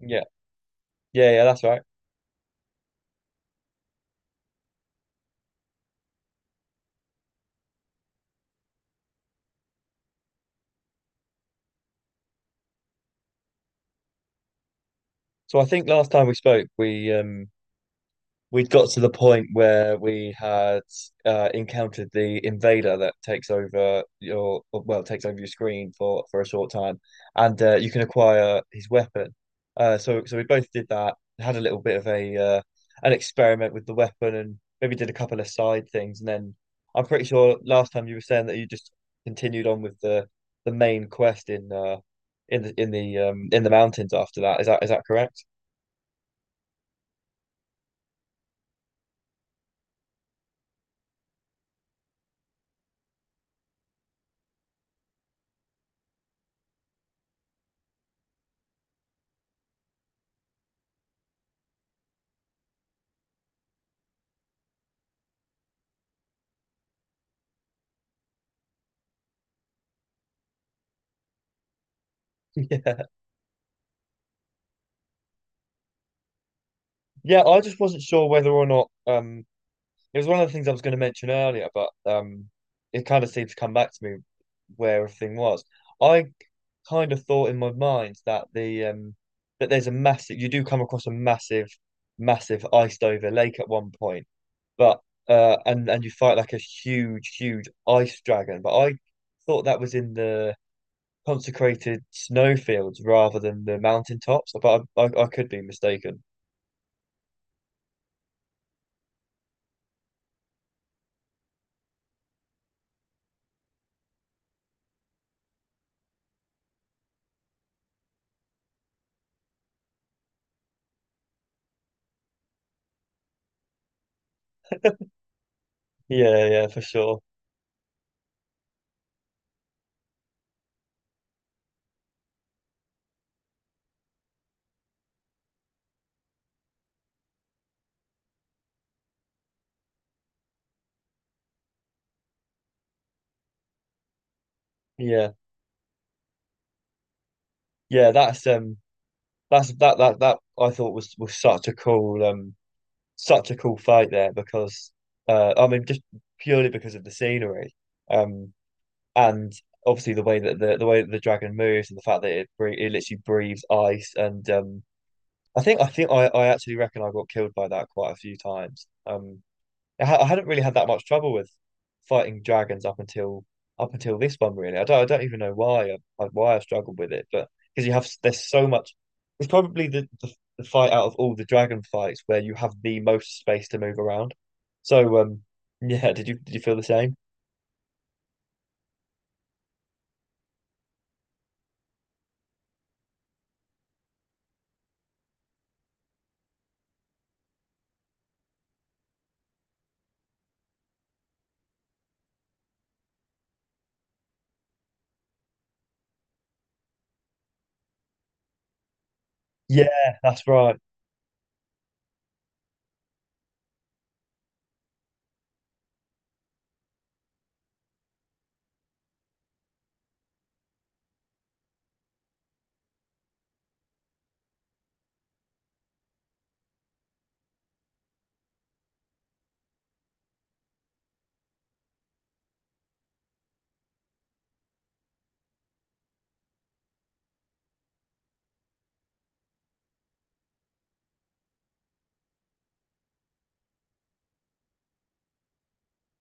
Yeah. Yeah, that's right. So I think last time we spoke, we'd got to the point where we had encountered the invader that takes over your well, takes over your screen for a short time, and you can acquire his weapon. So we both did that. Had a little bit of a an experiment with the weapon, and maybe did a couple of side things, and then I'm pretty sure last time you were saying that you just continued on with the main quest in in the mountains after that. Is that correct? Yeah. Yeah, I just wasn't sure whether or not. It was one of the things I was going to mention earlier, but it kind of seemed to come back to me where everything was. I kind of thought in my mind that the that there's a massive, you do come across a massive iced over lake at one point, but and you fight like a huge ice dragon, but I thought that was in the consecrated snowfields rather than the mountaintops, but I could be mistaken. Yeah, yeah, for sure. Yeah, yeah, that's that that that I thought was such a cool, such a cool fight there because I mean just purely because of the scenery um and obviously the way that the way that the dragon moves and the fact that it literally breathes ice. And I actually reckon I got killed by that quite a few times. I hadn't really had that much trouble with fighting dragons up until this one, really. I don't even know why why I struggled with it, but because there's so much. It's probably the fight out of all the dragon fights where you have the most space to move around. So yeah, did you feel the same? Yeah, that's right.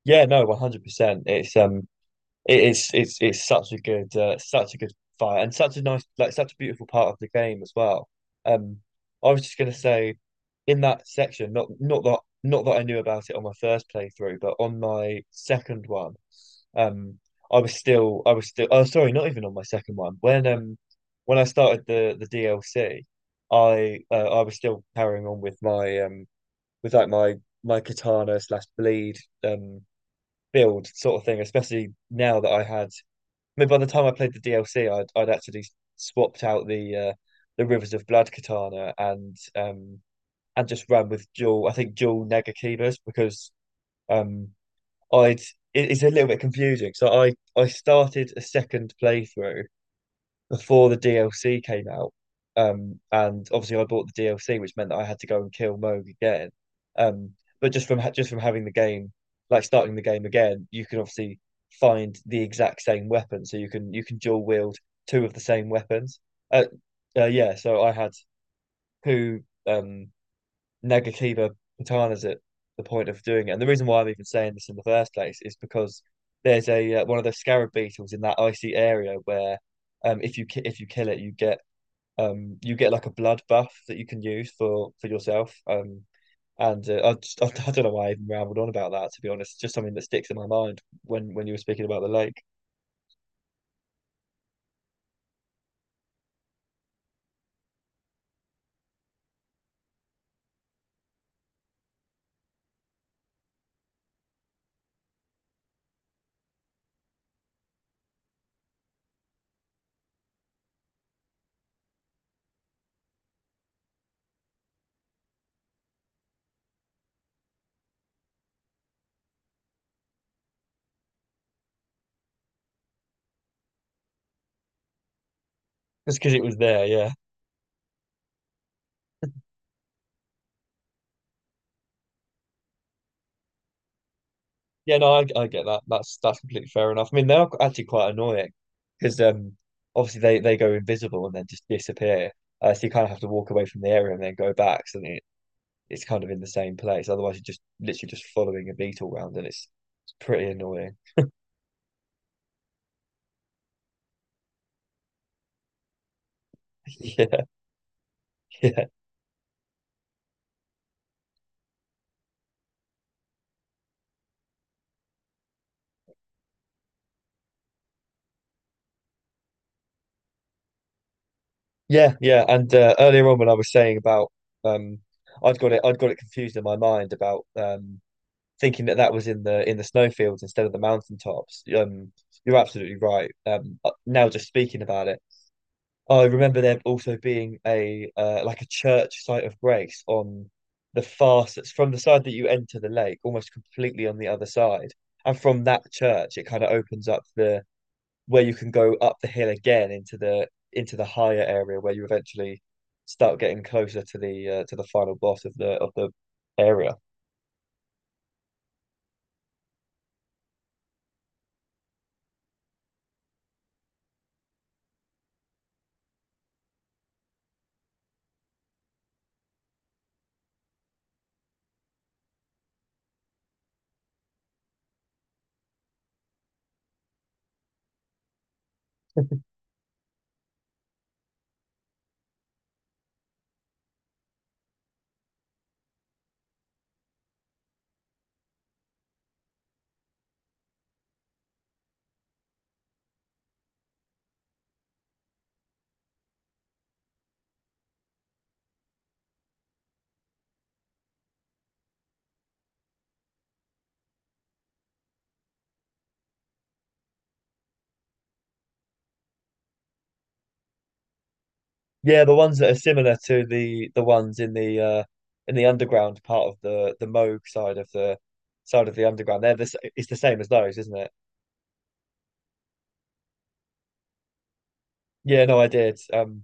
Yeah, no, 100%. It is it's such a good, such a good fight, and such a nice, like such a beautiful part of the game as well. Um, I was just gonna say, in that section, not that I knew about it on my first playthrough, but on my second one, um, I was still, oh sorry, not even on my second one. When I started the DLC, I was still carrying on with my, with like my katana slash bleed um build sort of thing, especially now that I had, I mean, by the time I played the DLC, I'd actually swapped out the Rivers of Blood katana, and just ran with dual. I think dual Negakibas, because um I'd, it, it's a little bit confusing. So I started a second playthrough before the DLC came out. And obviously I bought the DLC, which meant that I had to go and kill Moog again. Um, but just from having the game, like starting the game again, you can obviously find the exact same weapon, so you can dual wield two of the same weapons. Uh, yeah, so I had two Nagakiba Patana's at the point of doing it. And the reason why I'm even saying this in the first place is because there's a one of those scarab beetles in that icy area where if you kill it, you get like a blood buff that you can use for yourself, and I, just, I don't know why I even rambled on about that, to be honest. It's just something that sticks in my mind when you were speaking about the lake, just because it was there. Yeah. Yeah, no, I get that. That's completely fair enough. I mean, they are actually quite annoying because obviously they go invisible and then just disappear. So you kind of have to walk away from the area and then go back. So then it's kind of in the same place. Otherwise, you're just literally just following a beetle round, and it's pretty annoying. Yeah, yeah, yeah. And earlier on, when I was saying about um, I'd got I'd got it confused in my mind about thinking that that was in the snowfields instead of the mountaintops. You're absolutely right. Now just speaking about it, I remember there also being a like a church site of grace on the far, That's from the side that you enter the lake, almost completely on the other side, and from that church it kind of opens up the, where you can go up the hill again into the, into the higher area where you eventually start getting closer to the final boss of the area. Yeah, the ones that are similar to the ones in the underground part of the Moog side of the, side of the underground. They're it's the same as those, isn't it? Yeah, no, I did.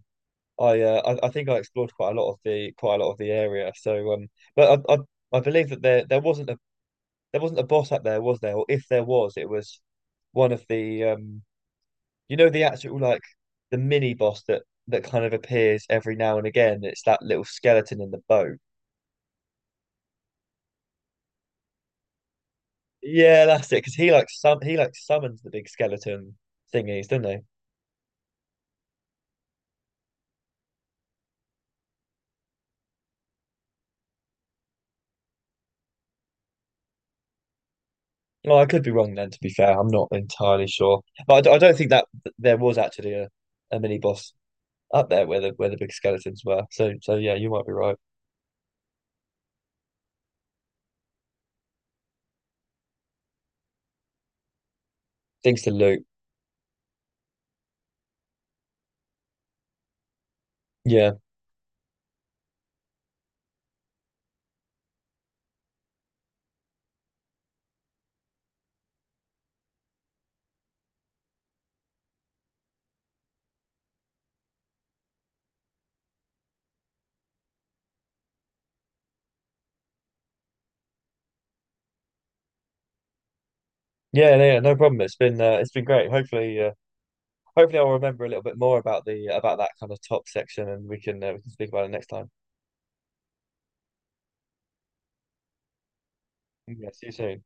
I I think I explored quite a lot of the, quite a lot of the area. So but I believe that there wasn't a, there wasn't a boss up there, was there? Or if there was, it was one of the you know, the actual, like, the mini boss that, that kind of appears every now and again. It's that little skeleton in the boat. Yeah, that's it. Because he, like, summons the big skeleton thingies, don't they? Well, I could be wrong then. To be fair, I'm not entirely sure, but I don't think that there was actually a mini boss up there where the, where the big skeletons were. So so yeah, you might be right. Things to loot. Yeah, yeah, no, yeah. No problem. It's been great. Hopefully, hopefully I'll remember a little bit more about the, about that kind of top section, and we can speak about it next time. Yeah, see you soon.